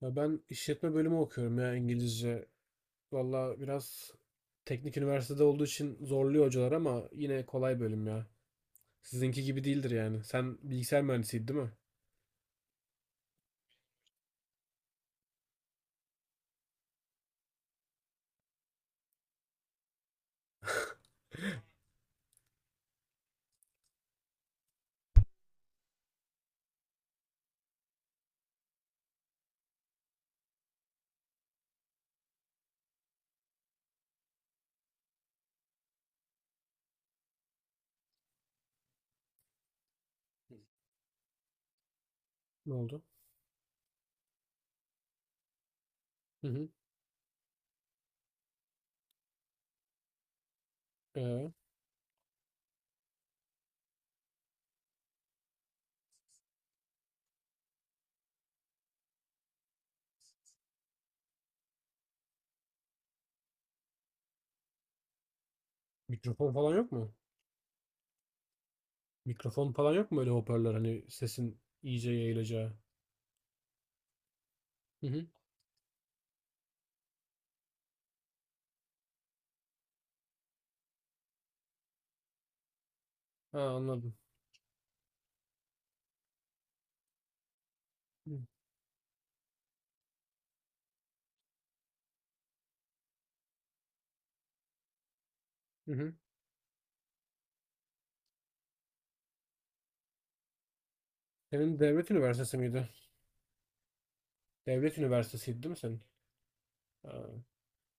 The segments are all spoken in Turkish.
Ya ben işletme bölümü okuyorum ya İngilizce. Valla biraz teknik üniversitede olduğu için zorluyor hocalar ama yine kolay bölüm ya. Sizinki gibi değildir yani. Sen bilgisayar mühendisiydin değil mi? Ne oldu? Hı hı. Ee, mikrofon falan yok mu? Mikrofon falan yok mu öyle hoparlör hani sesin iyice yayılacağı? Hı hı. Ha, anladım. Hı hı. Hı. Senin devlet üniversitesi miydi? Devlet üniversitesiydi değil mi senin? Ha.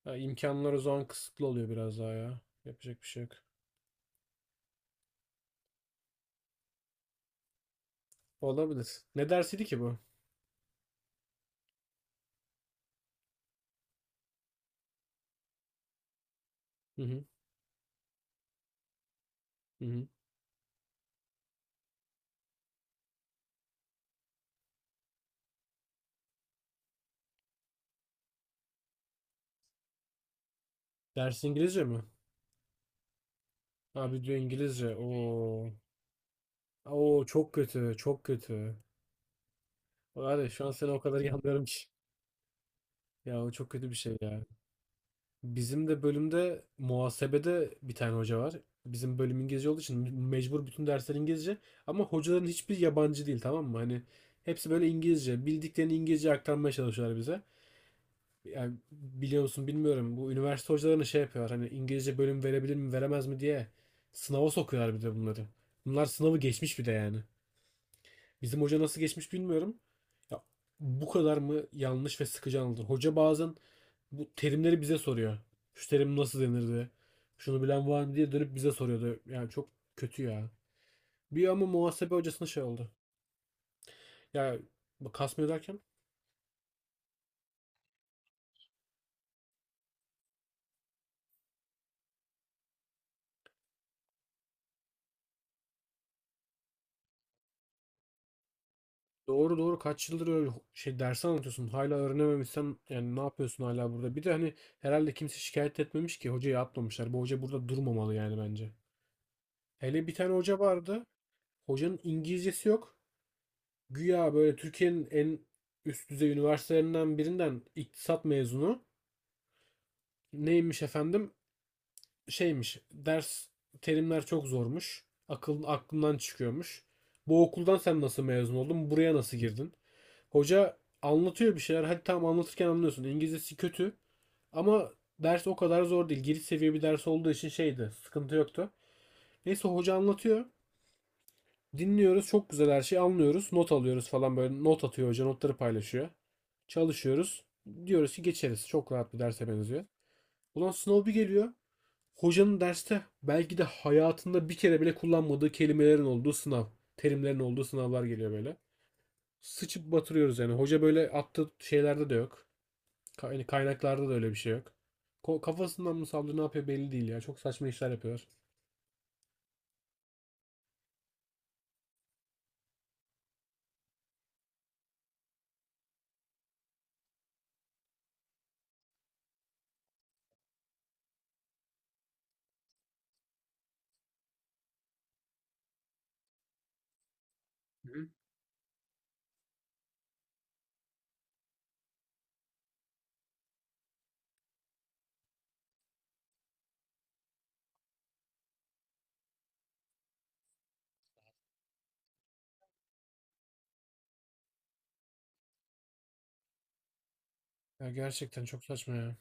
Ha, imkanlar o zaman kısıtlı oluyor biraz daha ya. Yapacak bir şey yok. Olabilir. Ne dersiydi ki bu? Hı hı. Hı hı. Ders İngilizce mi? Abi diyor İngilizce. Oo. Oo, çok kötü. Çok kötü. Var ya, şu an seni o kadar iyi anlıyorum ki. Ya, o çok kötü bir şey ya. Bizim de bölümde muhasebede bir tane hoca var. Bizim bölüm İngilizce olduğu için mecbur bütün dersler İngilizce. Ama hocaların hiçbir yabancı değil, tamam mı? Hani hepsi böyle İngilizce. Bildiklerini İngilizce aktarmaya çalışıyorlar bize. Yani biliyor musun bilmiyorum, bu üniversite hocalarını şey yapıyor, hani İngilizce bölüm verebilir mi veremez mi diye sınava sokuyorlar bir de bunları. Bunlar sınavı geçmiş bir de yani. Bizim hoca nasıl geçmiş bilmiyorum. Ya, bu kadar mı yanlış ve sıkıcı anlatır? Hoca bazen bu terimleri bize soruyor. Şu terim nasıl denirdi? Şunu bilen var mı diye dönüp bize soruyordu. Yani çok kötü ya. Bir ama muhasebe hocasına şey oldu. Ya, bu kasma derken, doğru doğru, kaç yıldır öyle şey ders anlatıyorsun, hala öğrenememişsen yani ne yapıyorsun hala burada, bir de hani herhalde kimse şikayet etmemiş ki hocayı atmamışlar. Bu hoca burada durmamalı yani bence. Hele bir tane hoca vardı, hocanın İngilizcesi yok, güya böyle Türkiye'nin en üst düzey üniversitelerinden birinden iktisat mezunu. Neymiş efendim, şeymiş ders, terimler çok zormuş, akıl aklından çıkıyormuş. Bu okuldan sen nasıl mezun oldun, buraya nasıl girdin? Hoca anlatıyor bir şeyler. Hadi tamam, anlatırken anlıyorsun. İngilizcesi kötü. Ama ders o kadar zor değil. Giriş seviye bir ders olduğu için şeydi. Sıkıntı yoktu. Neyse, hoca anlatıyor. Dinliyoruz. Çok güzel her şeyi anlıyoruz. Not alıyoruz falan böyle. Not atıyor hoca. Notları paylaşıyor. Çalışıyoruz. Diyoruz ki geçeriz. Çok rahat bir derse benziyor. Ulan sınav bir geliyor. Hocanın derste belki de hayatında bir kere bile kullanmadığı kelimelerin olduğu sınav. Terimlerin olduğu sınavlar geliyor böyle. Sıçıp batırıyoruz yani. Hoca böyle attığı şeylerde de yok. Hani kaynaklarda da öyle bir şey yok. Kafasından mı saldı, ne yapıyor belli değil ya. Çok saçma işler yapıyor. Hı. Ya gerçekten çok saçma ya.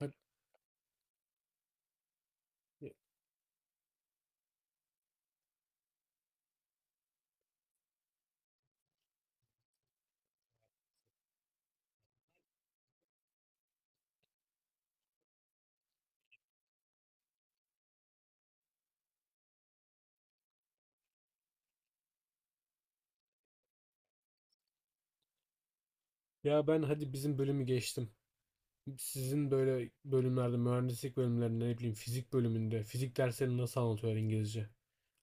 Hadi- ya ben hadi bizim bölümü geçtim. Sizin böyle bölümlerde, mühendislik bölümlerinde, ne bileyim, fizik bölümünde fizik derslerini nasıl anlatıyor İngilizce?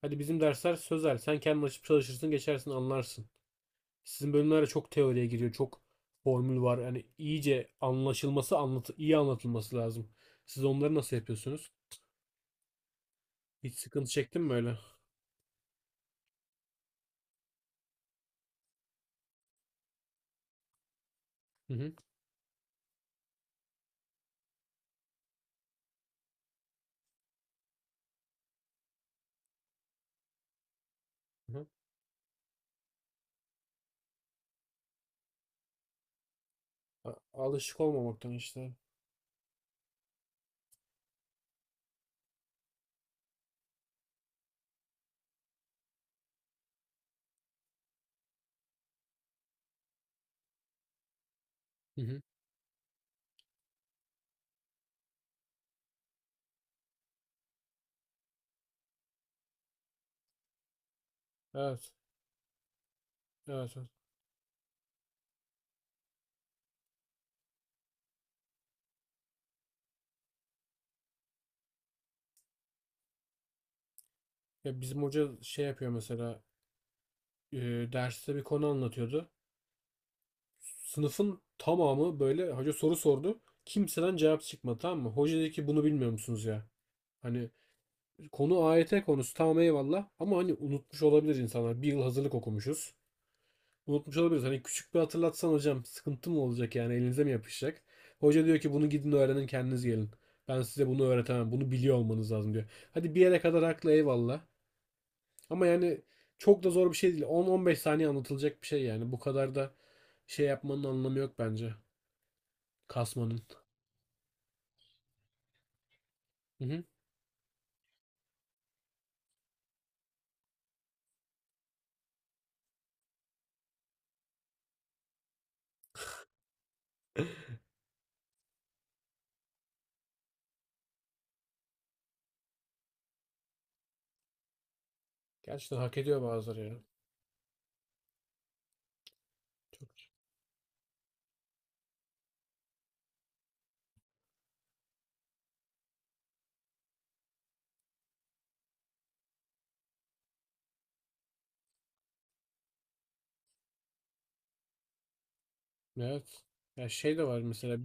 Hadi bizim dersler sözel. Sen kendin açıp çalışırsın, geçersin, anlarsın. Sizin bölümlerde çok teoriye giriyor, çok formül var. Yani iyice anlaşılması, anlatı iyi anlatılması lazım. Siz onları nasıl yapıyorsunuz? Hiç sıkıntı çektin mi öyle? Hı. Hı. Alışık olmamaktan işte. Hı hı. Evet. Evet. Evet. Ya bizim hoca şey yapıyor mesela, e, derste bir konu anlatıyordu. Sınıfın tamamı böyle, hoca soru sordu. Kimseden cevap çıkmadı, tamam mı? Hoca dedi ki, bunu bilmiyor musunuz ya? Hani konu AYT konusu, tamam eyvallah, ama hani unutmuş olabilir insanlar. Bir yıl hazırlık okumuşuz. Unutmuş olabiliriz. Hani küçük bir hatırlatsan hocam sıkıntı mı olacak, yani elinize mi yapışacak? Hoca diyor ki, bunu gidin öğrenin kendiniz gelin. Ben size bunu öğretemem. Bunu biliyor olmanız lazım diyor. Hadi bir yere kadar haklı, eyvallah. Ama yani çok da zor bir şey değil. On on beş saniye anlatılacak bir şey yani. Bu kadar da şey yapmanın anlamı yok bence. Kasmanın. Hı hı. Gerçekten hak ediyor bazıları ya. Evet. Ya şey de var mesela.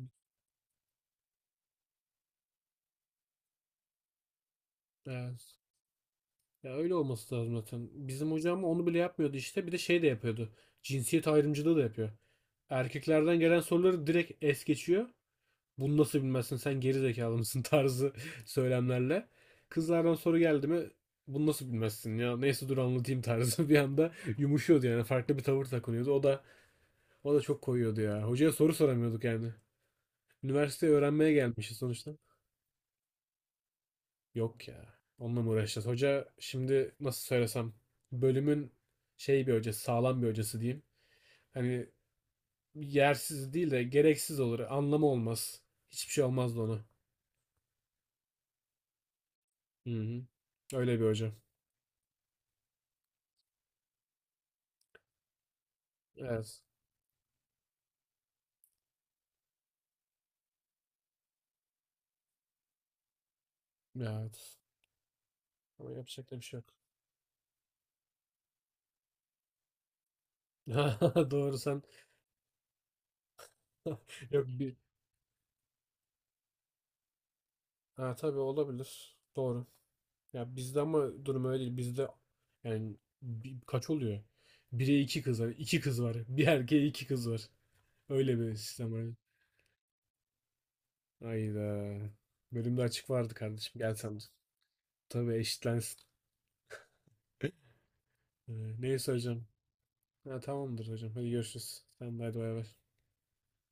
Evet. Ya öyle olması lazım zaten. Bizim hocam onu bile yapmıyordu işte. Bir de şey de yapıyordu. Cinsiyet ayrımcılığı da yapıyor. Erkeklerden gelen soruları direkt es geçiyor. Bunu nasıl bilmezsin sen, geri zekalı mısın tarzı söylemlerle. Kızlardan soru geldi mi, bunu nasıl bilmezsin ya, neyse dur anlatayım tarzı bir anda yumuşuyordu, yani farklı bir tavır takınıyordu. O da çok koyuyordu ya. Hocaya soru soramıyorduk yani. Üniversiteyi öğrenmeye gelmişiz sonuçta. Yok ya. Onunla mı uğraşacağız? Hoca şimdi nasıl söylesem, bölümün şey bir hocası, sağlam bir hocası diyeyim. Hani yersiz değil de gereksiz olur. Anlamı olmaz. Hiçbir şey olmazdı ona. Hı hı. Öyle bir hoca. Evet. Evet. Ama yapacak da bir şey yok. Doğru sen. Yok bir. Ha tabii olabilir. Doğru. Ya bizde ama durum öyle değil. Bizde yani kaç oluyor? Bire iki kız var. İki kız var. Bir erkeğe iki kız var. Öyle bir sistem var. Hayda. Bölümde açık vardı kardeşim. Gel sen. De. Tabii eşitlensin. Neyse hocam. Ha, tamamdır hocam. Hadi görüşürüz. Sen de hadi, bay bay.